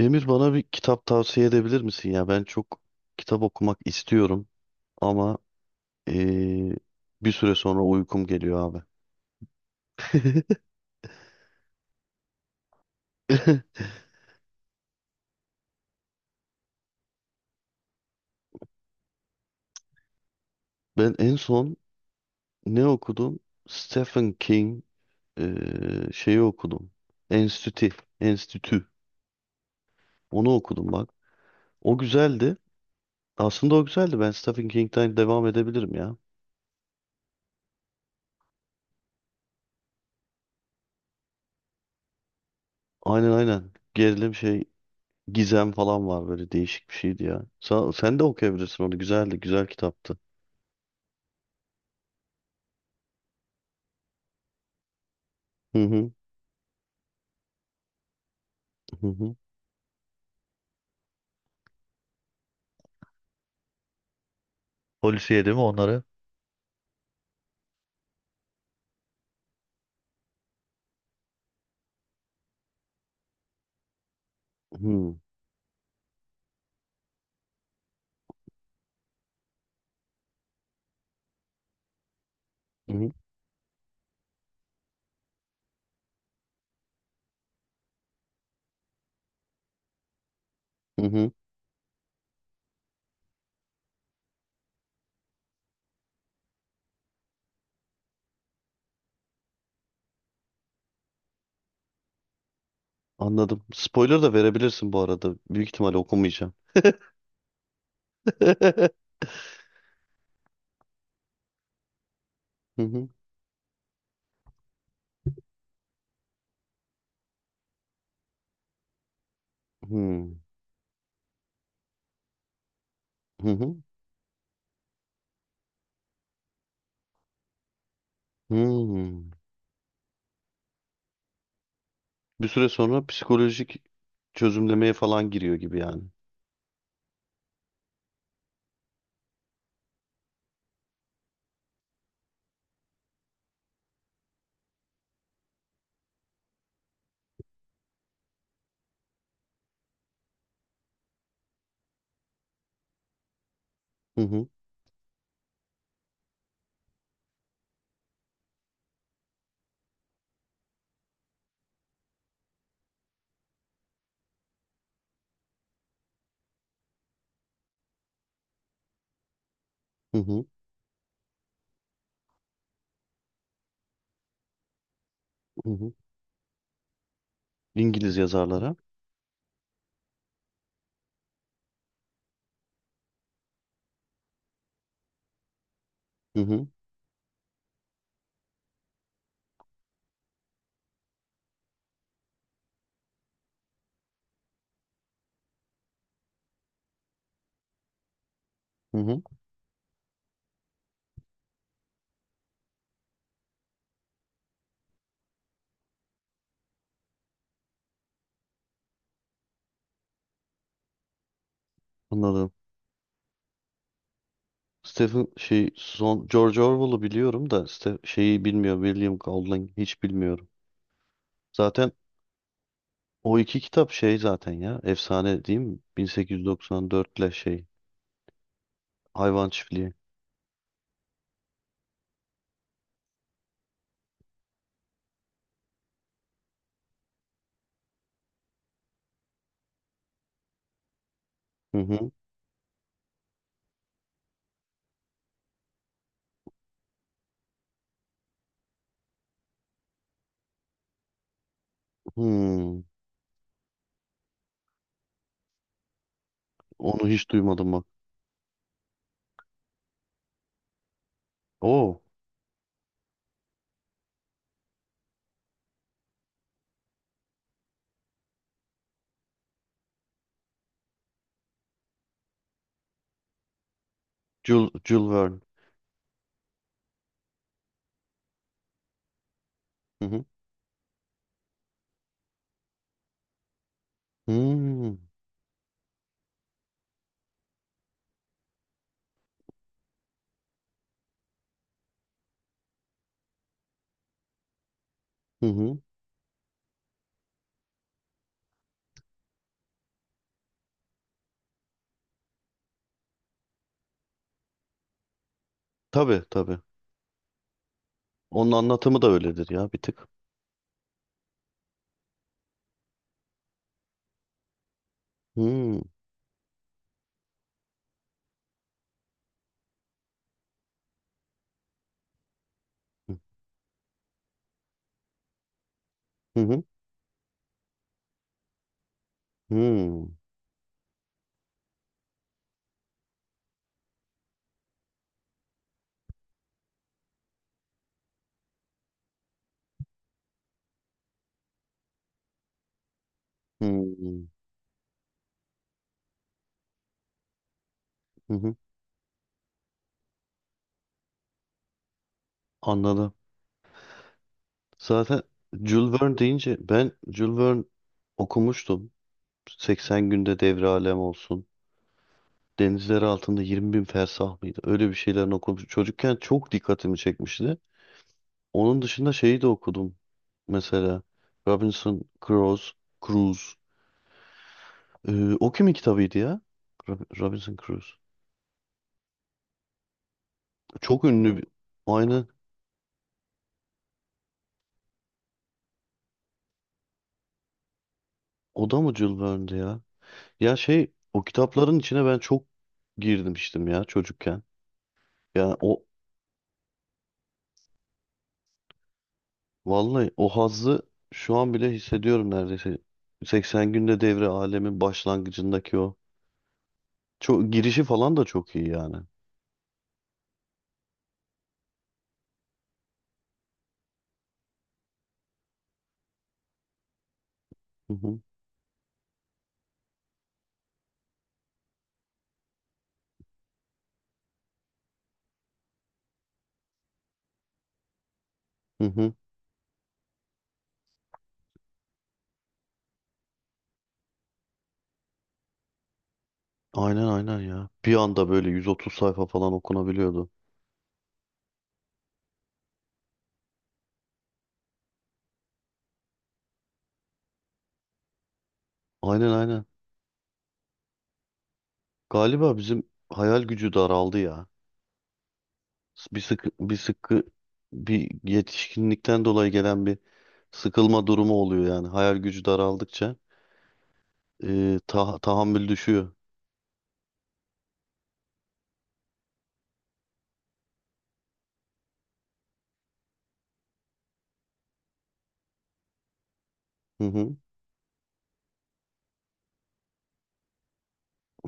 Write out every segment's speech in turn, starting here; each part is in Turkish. Emir, bana bir kitap tavsiye edebilir misin ya? Ben çok kitap okumak istiyorum ama eee, bir süre sonra uykum geliyor abi. Ben en son ne okudum? Stephen King şeyi okudum. Enstitü. Enstitü. Onu okudum bak. O güzeldi. Aslında o güzeldi. Ben Stephen King'den devam edebilirim ya. Aynen aynen. Gerilim şey gizem falan var, böyle değişik bir şeydi ya. Sen de okuyabilirsin onu. Güzeldi. Güzel kitaptı. Hı hı. Hı hı. Polisiye değil mi onları? Hmm. Hı hı. Hı hı. Anladım. Spoiler da verebilirsin bu arada. Büyük ihtimalle okumayacağım. Hı hı. Hmm. Hı hı. Hmm. Bir süre sonra psikolojik çözümlemeye falan giriyor gibi yani. Hı hı. Hı hı. Hı hı. İngiliz yazarlara. Hı hı. Hı hı. Anladım. Stephen şey son George Orwell'ı biliyorum da Ste şeyi bilmiyorum. William Golding hiç bilmiyorum. Zaten o iki kitap şey zaten ya, efsane değil mi? 1894 ile şey Hayvan çiftliği. Hı hı. Hmm. Onu hiç duymadım bak. Oo. Jules, Jules Verne. Hı hı. Hmm. Hı hı. Tabii tabii. Onun anlatımı da öyledir ya, bir tık. Hmm. Hı hı. Hmm. Hmm. Hı hı. Anladım. Zaten Jules Verne deyince, ben Jules Verne okumuştum. 80 günde devre alem olsun. Denizler altında 20 bin fersah mıydı? Öyle bir şeylerin okumuş. Çocukken çok dikkatimi çekmişti. Onun dışında şeyi de okudum. Mesela Robinson Crusoe, Cruise. O kimin kitabıydı ya? Robinson Crusoe. Çok ünlü bir... Aynı. O da mı Jules Verne'di ya? Ya şey, o kitapların içine ben çok girmiştim ya çocukken. Yani o, vallahi o hazzı şu an bile hissediyorum neredeyse. 80 günde devre alemin başlangıcındaki o. Çok girişi falan da çok iyi yani. Hı hı. Hı hı. Aynen aynen ya. Bir anda böyle 130 sayfa falan okunabiliyordu. Aynen aynen. Galiba bizim hayal gücü daraldı ya. Bir sıkı bir sıkı, bir yetişkinlikten dolayı gelen bir sıkılma durumu oluyor yani. Hayal gücü daraldıkça tahammül düşüyor. Hı hı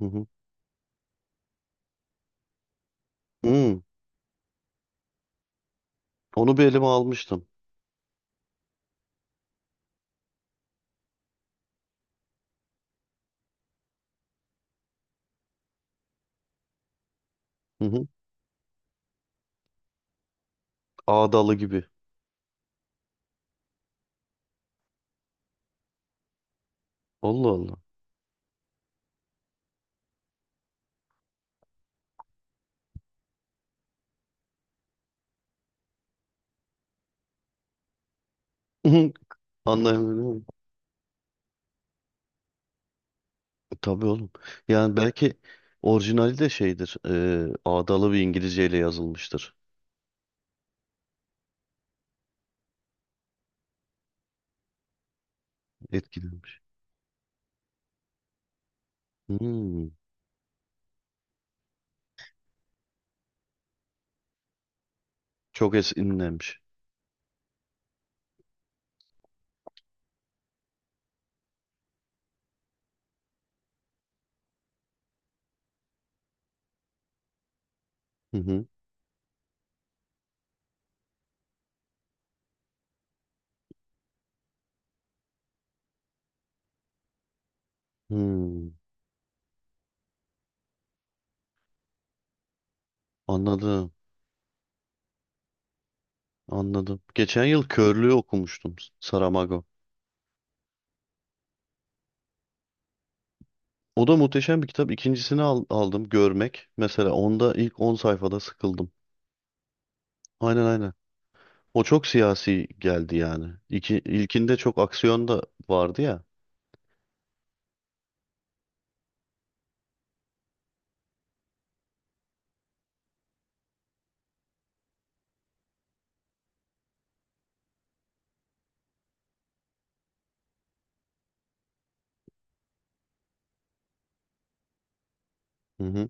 hı hı. Hmm, onu bir elime almıştım. Hı hı. Ağdalı gibi. Allah Allah. Anlayamıyorum. Tabii oğlum. Yani belki orijinali de şeydir. Ağdalı bir İngilizceyle yazılmıştır. Etkilenmiş. Hmm. Çok esinlenmiş. Hı hı. Hmm. Anladım. Anladım. Geçen yıl Körlüğü okumuştum. Saramago. O da muhteşem bir kitap. Aldım. Görmek. Mesela onda ilk 10 sayfada sıkıldım. Aynen aynen. O çok siyasi geldi yani. İki, ilkinde çok aksiyon da vardı ya. Hı hı.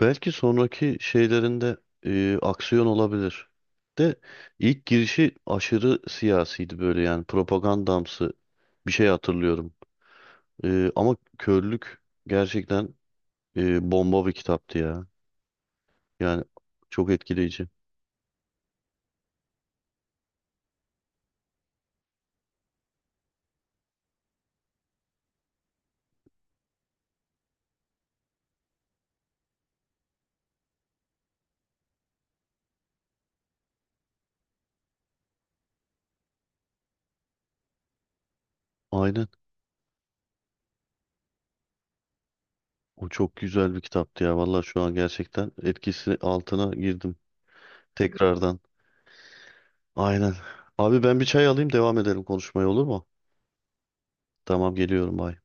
Belki sonraki şeylerinde aksiyon olabilir. De ilk girişi aşırı siyasiydi, böyle yani propagandamsı bir şey hatırlıyorum. Ama körlük gerçekten bomba bir kitaptı ya. Yani çok etkileyici. Aynen. O çok güzel bir kitaptı ya. Vallahi şu an gerçekten etkisi altına girdim. Tekrardan. Aynen. Abi, ben bir çay alayım, devam edelim konuşmaya, olur mu? Tamam, geliyorum. Bye.